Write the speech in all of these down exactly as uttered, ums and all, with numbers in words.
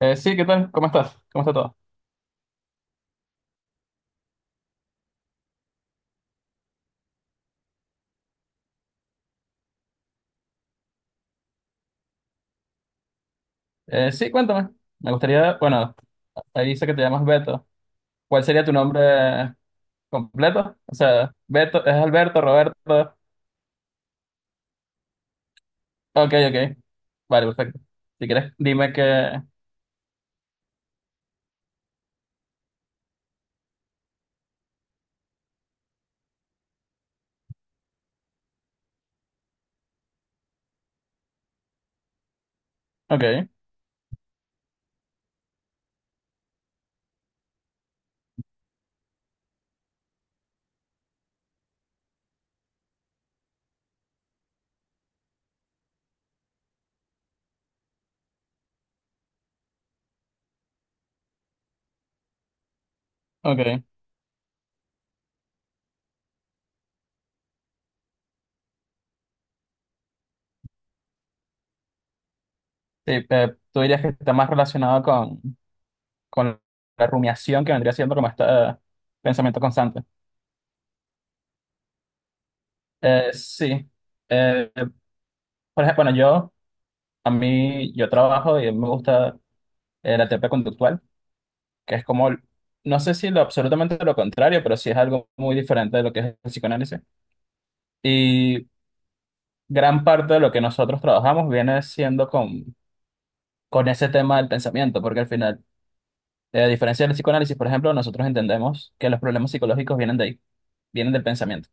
Eh, sí, ¿qué tal? ¿Cómo estás? ¿Cómo está todo? Eh, sí, cuéntame. Me gustaría, bueno, ahí dice que te llamas Beto. ¿Cuál sería tu nombre completo? O sea, Beto, ¿es Alberto, Roberto? Ok, ok. Vale, perfecto. Si quieres, dime que... Ok, ok. Sí, eh, tú dirías que está más relacionado con, con la rumiación que vendría siendo como este eh, pensamiento constante. Eh, sí. Eh, por ejemplo, bueno, yo, a mí, yo trabajo y me gusta eh, la terapia conductual. Que es como, no sé si lo absolutamente lo contrario, pero sí es algo muy diferente de lo que es el psicoanálisis. Y gran parte de lo que nosotros trabajamos viene siendo con, con ese tema del pensamiento, porque al final, eh, a diferencia del psicoanálisis, por ejemplo, nosotros entendemos que los problemas psicológicos vienen de ahí, vienen del pensamiento.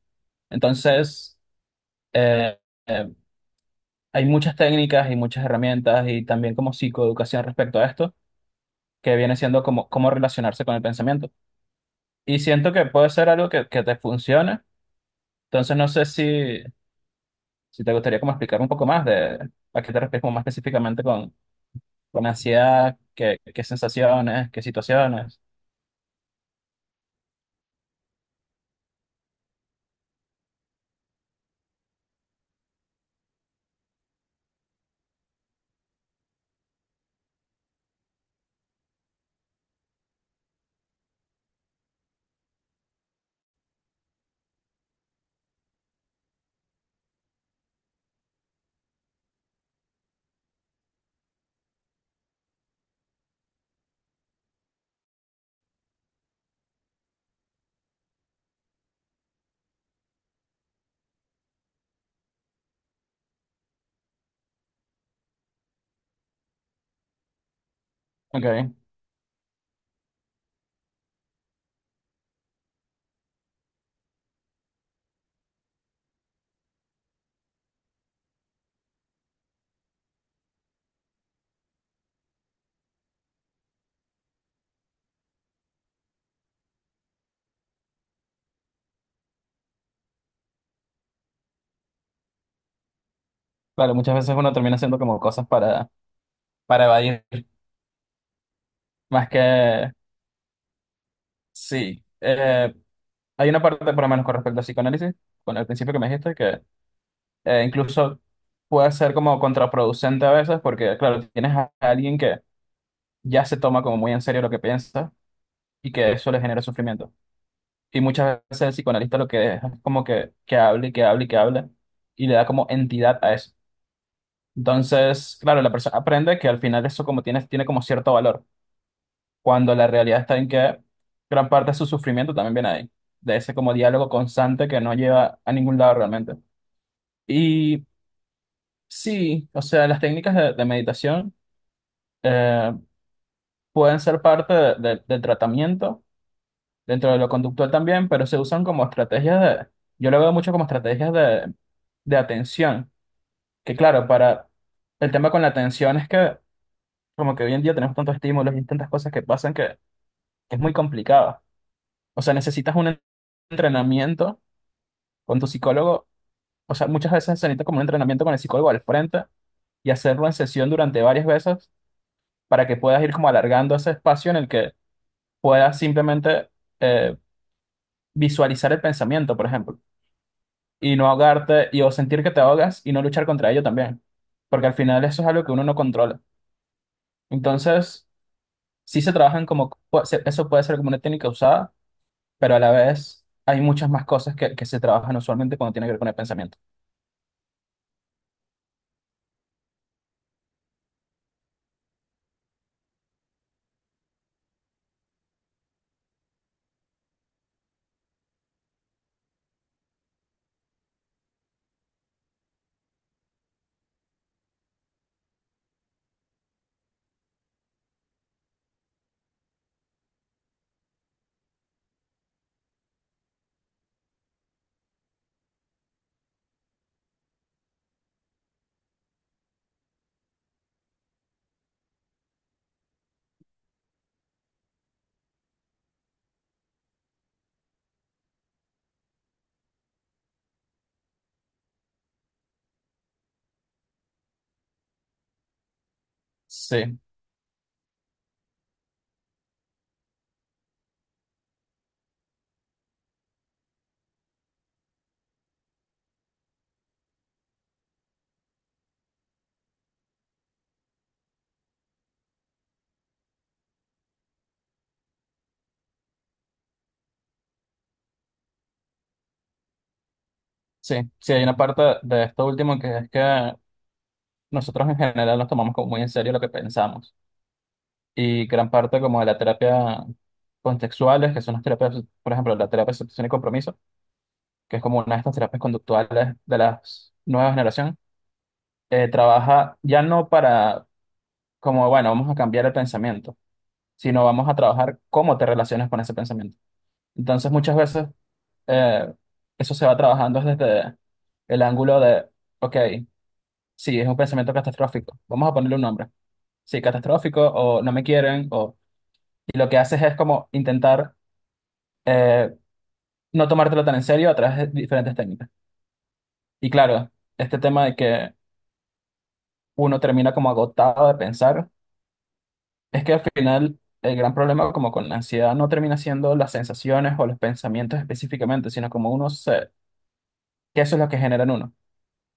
Entonces, eh, eh, hay muchas técnicas y muchas herramientas y también como psicoeducación respecto a esto, que viene siendo como cómo relacionarse con el pensamiento. Y siento que puede ser algo que, que te funcione. Entonces no sé si si te gustaría como explicar un poco más de a qué te refieres como más específicamente con, con ansiedad, qué, qué sensaciones, qué situaciones. Ok, claro, muchas veces uno termina haciendo como cosas para, para evadir, más que sí. Eh, hay una parte, por lo menos con respecto al psicoanálisis, con el principio que me dijiste, que eh, incluso puede ser como contraproducente a veces, porque claro, tienes a alguien que ya se toma como muy en serio lo que piensa y que eso le genera sufrimiento. Y muchas veces el psicoanalista lo que deja es como que, que hable y que hable y que hable y le da como entidad a eso. Entonces, claro, la persona aprende que al final eso como tiene, tiene como cierto valor, cuando la realidad está en que gran parte de su sufrimiento también viene ahí, de ese como diálogo constante que no lleva a ningún lado realmente. Y sí, o sea, las técnicas de, de meditación eh, pueden ser parte de- de- del tratamiento dentro de lo conductual también, pero se usan como estrategias de, yo lo veo mucho como estrategias de, de atención, que claro, para el tema con la atención es que como que hoy en día tenemos tantos estímulos y tantas cosas que pasan que, que es muy complicado. O sea, necesitas un en- entrenamiento con tu psicólogo, o sea, muchas veces se necesita como un entrenamiento con el psicólogo al frente y hacerlo en sesión durante varias veces para que puedas ir como alargando ese espacio en el que puedas simplemente eh, visualizar el pensamiento, por ejemplo. Y no ahogarte y o sentir que te ahogas y no luchar contra ello también, porque al final eso es algo que uno no controla. Entonces, sí se trabajan como, puede ser- eso puede ser como una técnica usada, pero a la vez hay muchas más cosas que, que se trabajan usualmente cuando tiene que ver con el pensamiento. Sí, sí, sí, hay una parte de esto último que es que nosotros en general nos tomamos como muy en serio lo que pensamos y gran parte como de la terapia contextuales, que son las terapias, por ejemplo, la terapia de aceptación y compromiso que es como una de estas terapias conductuales de la nueva generación, eh, trabaja ya no para como, bueno, vamos a cambiar el pensamiento, sino vamos a trabajar cómo te relacionas con ese pensamiento. Entonces muchas veces eh, eso se va trabajando desde el ángulo de, ok, sí, es un pensamiento catastrófico, vamos a ponerle un nombre. Sí, catastrófico o no me quieren, o... y lo que haces es como intentar eh, no tomártelo tan en serio a través de diferentes técnicas. Y claro, este tema de que uno termina como agotado de pensar, es que al final el gran problema como con la ansiedad no termina siendo las sensaciones o los pensamientos específicamente, sino como uno se, que eso es lo que genera en uno.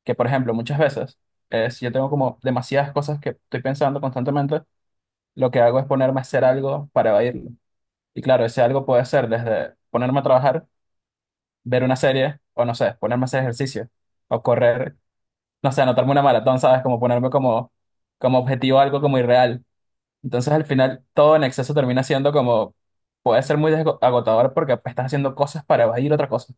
Que por ejemplo, muchas veces, eh, si yo tengo como demasiadas cosas que estoy pensando constantemente, lo que hago es ponerme a hacer algo para evadirlo. Y claro, ese algo puede ser desde ponerme a trabajar, ver una serie, o no sé, ponerme a hacer ejercicio, o correr, no sé, anotarme una maratón, ¿sabes? Como ponerme como, como objetivo algo como irreal. Entonces al final todo en exceso termina siendo como, puede ser muy desgo- agotador porque pues, estás haciendo cosas para evadir otra cosa.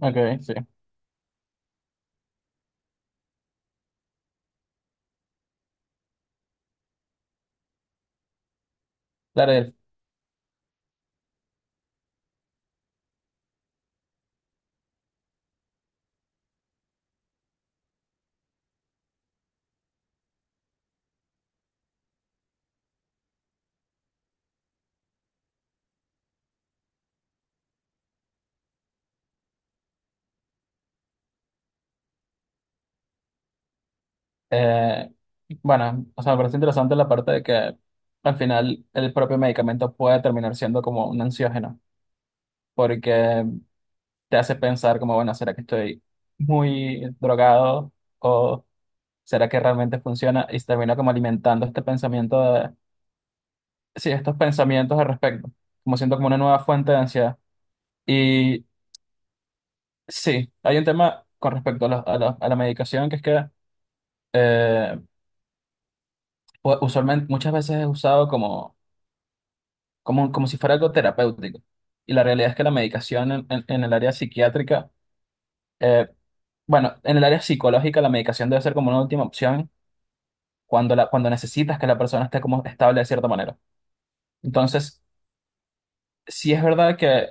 Ok, sí. Claro, el- eh, bueno, o sea, me parece interesante la parte de que al final el propio medicamento puede terminar siendo como un ansiógeno, porque te hace pensar como, bueno, ¿será que estoy muy drogado o será que realmente funciona? Y se termina como alimentando este pensamiento de, sí, estos pensamientos al respecto, como siento como una nueva fuente de ansiedad. Sí, hay un tema con respecto a, los- a los- a la medicación que es que eh, u- usualmente muchas veces es usado como, como, como si fuera algo terapéutico. Y la realidad es que la medicación en, en- en el área psiquiátrica, eh, bueno, en el área psicológica la medicación debe ser como una última opción cuando, la, cuando necesitas que la persona esté como estable de cierta manera. Entonces, sí es verdad que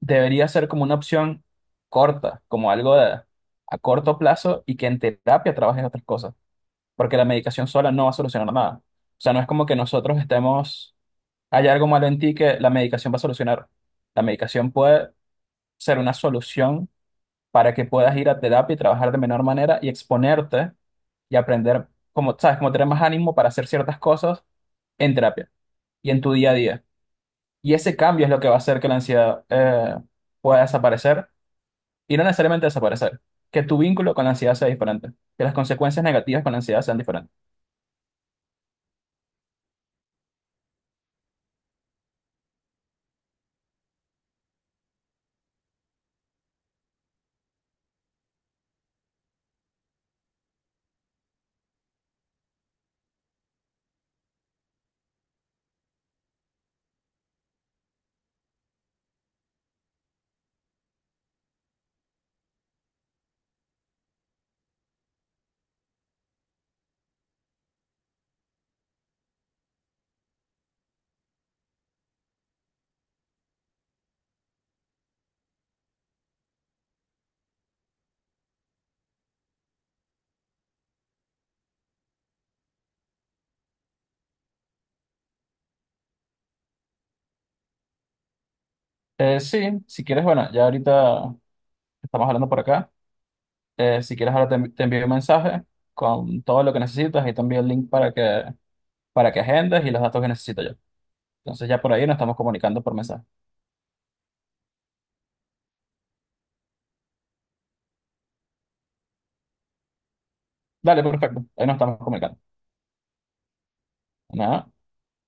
debería ser como una opción corta, como algo de- a corto plazo y que en terapia trabajes otras cosas porque la medicación sola no va a solucionar nada. O sea, no es como que nosotros estemos, hay algo malo en ti que la medicación va a solucionar. La medicación puede ser una solución para que puedas ir a terapia y trabajar de menor manera y exponerte y aprender, como, sabes, como tener más ánimo para hacer ciertas cosas en terapia y en tu día a día. Y ese cambio es lo que va a hacer que la ansiedad eh, pueda desaparecer y no necesariamente desaparecer, que tu vínculo con la ansiedad sea diferente, que las consecuencias negativas con la ansiedad sean diferentes. Eh, sí, si quieres, bueno, ya ahorita estamos hablando por acá. Eh, si quieres, ahora te, envi- te envío un mensaje con todo lo que necesitas y también el link para que, para que agendes y los datos que necesito yo. Entonces ya por ahí nos estamos comunicando por mensaje. Dale, perfecto. Ahí nos estamos comunicando. Nada.